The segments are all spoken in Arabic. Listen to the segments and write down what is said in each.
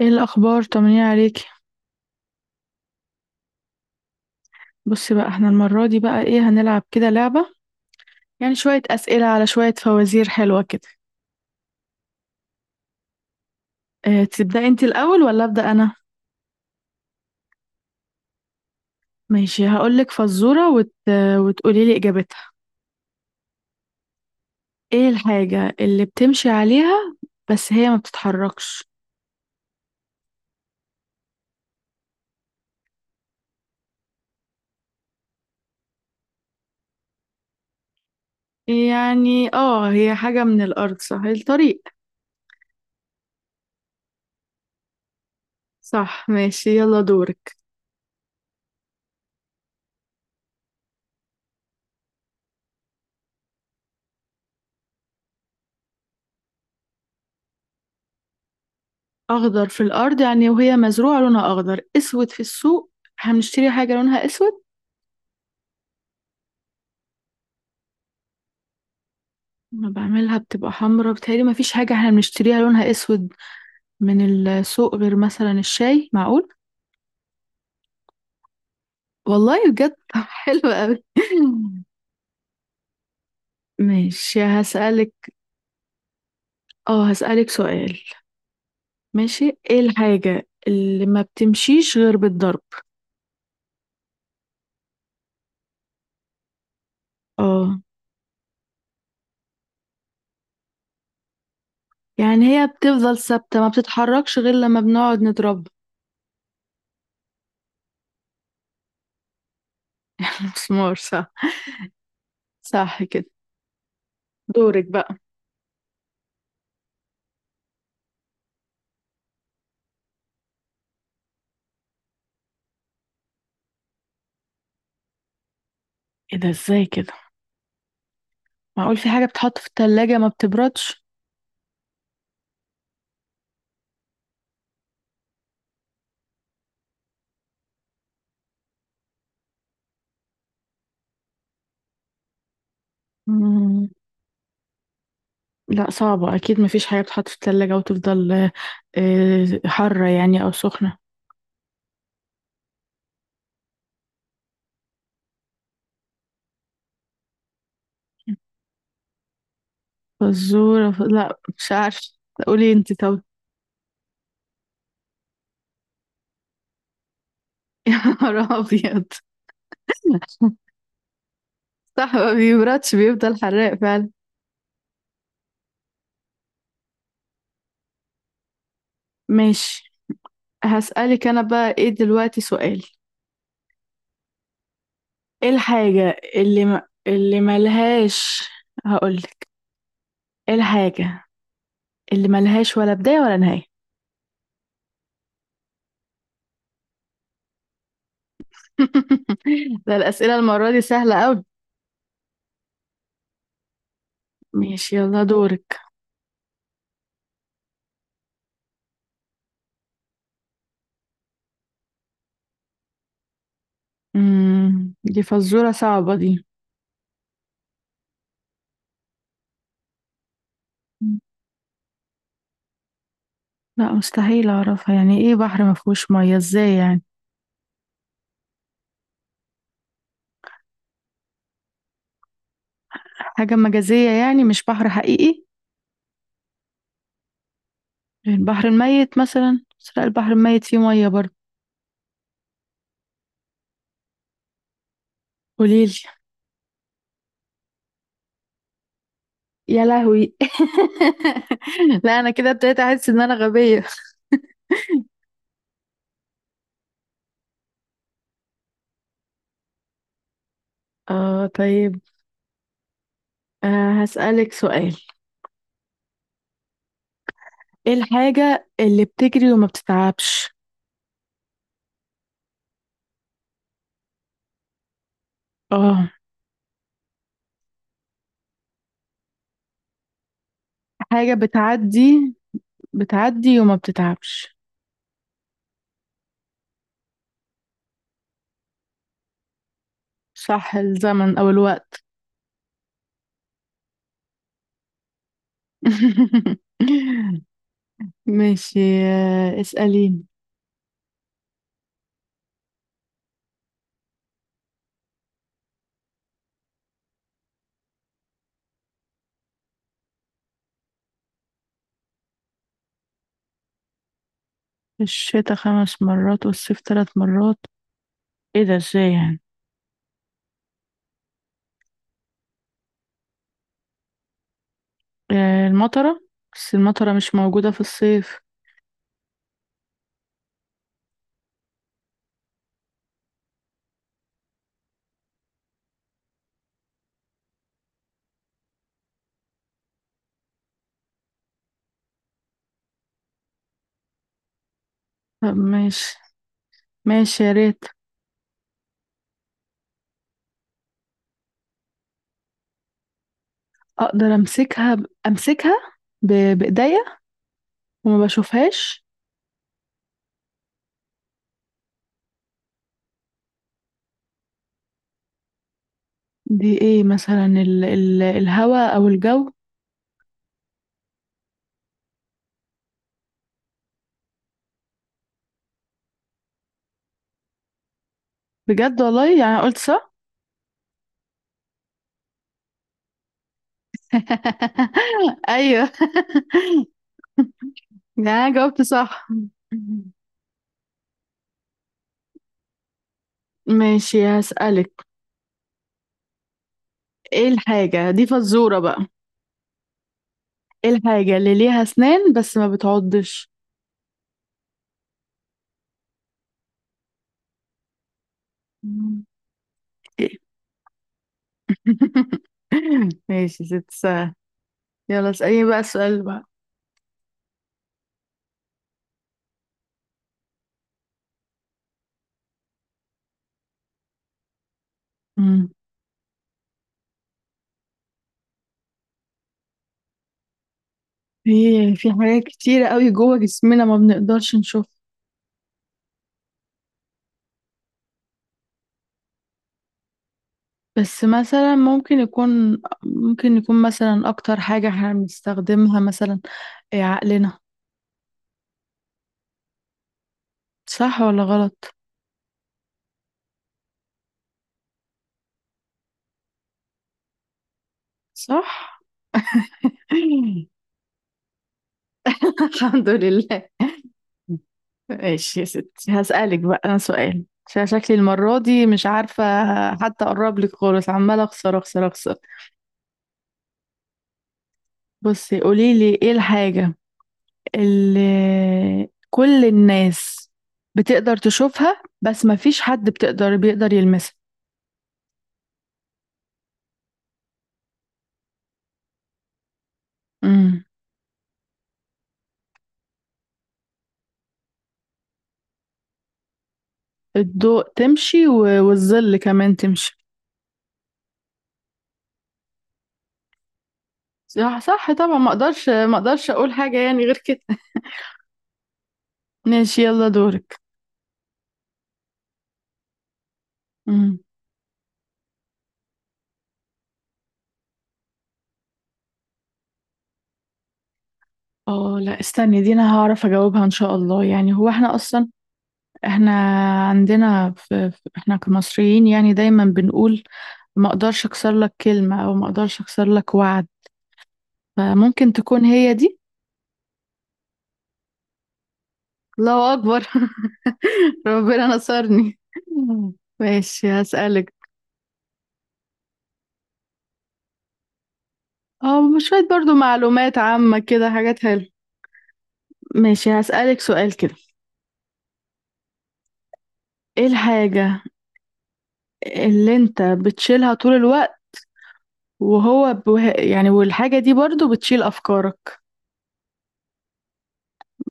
ايه الاخبار، طمنين عليك؟ بصي بقى، احنا المره دي بقى ايه هنلعب كده لعبه؟ يعني شويه اسئله على شويه فوازير حلوه كده. اه، تبداي انت الاول ولا ابدا انا؟ ماشي، هقولك فزوره وتقولي لي اجابتها. ايه الحاجه اللي بتمشي عليها بس هي ما بتتحركش؟ يعني اه هي حاجه من الارض، صح؟ الطريق. صح، ماشي، يلا دورك. اخضر في الارض يعني وهي مزروعه لونها اخضر، اسود في السوق. هنشتري حاجه لونها اسود؟ انا بعملها بتبقى حمرا، بتهيألي ما فيش حاجة احنا بنشتريها لونها اسود من السوق غير مثلا الشاي، معقول؟ والله بجد! طب حلو قوي. ماشي، هسألك سؤال. ماشي. ايه الحاجة اللي ما بتمشيش غير بالضرب؟ اه. يعني هي بتفضل ثابتة ما بتتحركش غير لما بنقعد نضربها. مسمار، صح. صح كده. دورك بقى. ايه ده ازاي كده؟ معقول في حاجة بتحط في التلاجة ما بتبردش؟ لا صعبة أكيد، مفيش حاجة بتحط في التلاجة وتفضل حارة يعني أو سخنة. فزورة، لا مش عارفة. قولي انت، طب. يا نهار أبيض! صح، ما بيبردش، بيفضل حراق فعلا. ماشي، هسألك أنا بقى إيه دلوقتي سؤال. إيه الحاجة اللي ما... اللي ملهاش، هقولك، إيه الحاجة اللي ملهاش ولا بداية ولا نهاية؟ ده الأسئلة المرة دي سهلة أوي. ماشي، يلا دورك. دي فزورة صعبة دي. مم. لا، مستحيل اعرفها، يعني ايه بحر ما فيهوش ميه ازاي يعني؟ حاجة مجازية يعني، مش بحر حقيقي. البحر الميت مثلا، بس لا البحر الميت فيه ميه برضه. قوليلي. يا لهوي! لا، انا كده ابتديت احس ان انا غبية. اه، طيب. هسألك سؤال. ايه الحاجة اللي بتجري وما بتتعبش؟ اه. حاجة بتعدي بتعدي وما بتتعبش. صح، الزمن او الوقت. ماشي، اسأليني. الشتاء خمس مرات والصيف ثلاث مرات. ايه ده ازاي يعني؟ آه، المطرة. بس المطرة مش موجودة في الصيف. طب ماشي. ماشي يا ريت. اقدر امسكها ب... بايديا وما بشوفهاش. دي ايه مثلا؟ الهواء او الجو. بجد والله، يعني قلت صح. ايوه. يعني أنا جاوبت صح؟ ماشي، هسألك. ايه الحاجة دي فزورة بقى؟ ايه الحاجة اللي ليها اسنان بس ما بتعضش؟ مم. إيه؟ ماشي، ست ساعة. يلا، اسأليني بقى السؤال بقى. مم. في في حاجات كتيرة قوي جوه جسمنا، ما بنقدرش نشوفها. بس مثلا ممكن يكون مثلا اكتر حاجة احنا بنستخدمها مثلا. إيه، عقلنا. صح ولا غلط؟ صح. الحمد لله. ماشي يا ستي، هسألك بقى أنا سؤال عشان شكلي المرة دي مش عارفة. حتى أقرب لك خالص، عمالة أخسر أخسر أخسر. بصي، قوليلي إيه الحاجة اللي كل الناس بتقدر تشوفها بس مفيش حد بيقدر يلمسها؟ امم. الضوء تمشي، والظل كمان تمشي. صح، صح، طبعا ما اقدرش اقول حاجة يعني غير كده. ماشي، يلا دورك. امم. اه، لا استني، دي انا هعرف اجاوبها ان شاء الله. يعني هو احنا اصلا احنا عندنا احنا كمصريين يعني دايما بنقول ما اقدرش اكسر لك كلمة او ما اقدرش اكسر لك وعد. فممكن تكون هي دي. الله اكبر! ربنا نصرني! ماشي، هسألك. اه، شوية برضو معلومات عامة كده، حاجات حلوة. ماشي، هسألك سؤال كده. ايه الحاجة اللي انت بتشيلها طول الوقت وهو يعني والحاجة دي برضو بتشيل افكارك؟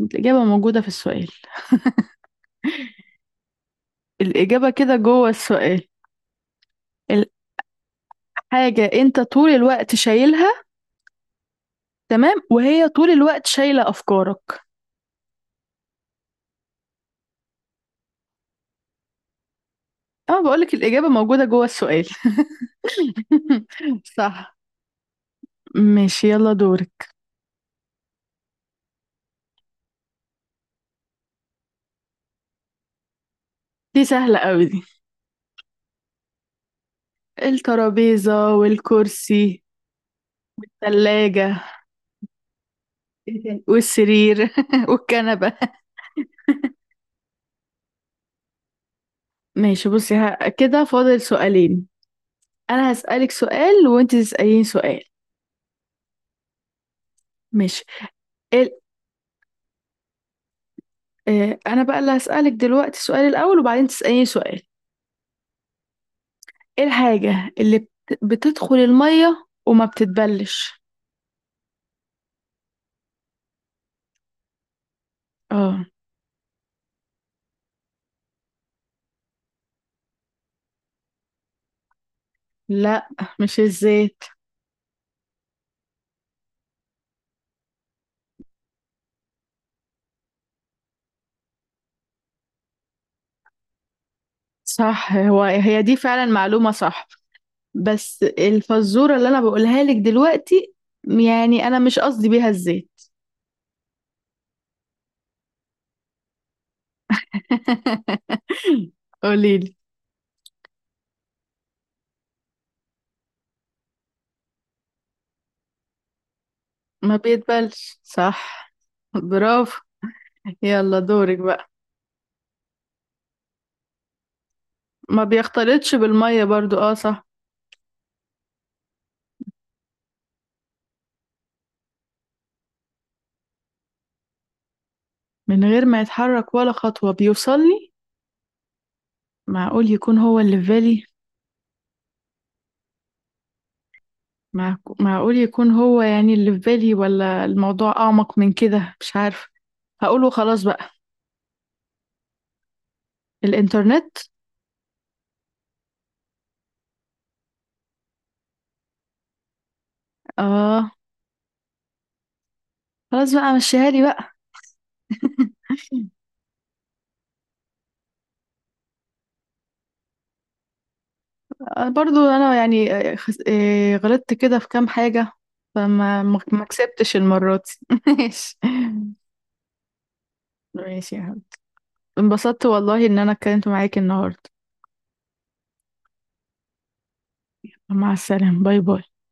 الإجابة موجودة في السؤال، الإجابة كده جوه السؤال. حاجة انت طول الوقت شايلها، تمام، وهي طول الوقت شايلة افكارك. اه، بقولك الاجابة موجودة جوه السؤال. صح. ماشي، يلا دورك. دي سهلة قوي دي. الترابيزة والكرسي، الثلاجة، والسرير والكنبة. ماشي، بصي، كده فاضل سؤالين. انا هسألك سؤال وانت تسألين سؤال. ماشي. ال... آه، انا بقى اللي هسألك دلوقتي السؤال الاول، وبعدين تسأليني سؤال. ايه الحاجة اللي بتدخل المية وما بتتبلش؟ اه، لا، مش الزيت. صح، هي دي فعلا معلومة، صح. بس الفزورة اللي انا بقولها لك دلوقتي، يعني انا مش قصدي بيها الزيت. قوليلي. ما بيتبلش، صح. برافو! يلا دورك بقى. ما بيختلطش بالمية برضو، اه صح. من غير ما يتحرك ولا خطوة، بيوصلني؟ معقول يكون هو اللي في بالي. معقول يكون هو يعني اللي في بالي، ولا الموضوع أعمق من كده؟ مش عارفة. هقوله خلاص بقى. الإنترنت. آه، خلاص بقى مشيها لي بقى. برضو أنا يعني غلطت كده في كام حاجة. فما ما ما كسبتش المرة دي. ماشي. ماشي يا حبيبي، انبسطت والله إن أنا اتكلمت معاك النهاردة. مع السلامة، باي باي.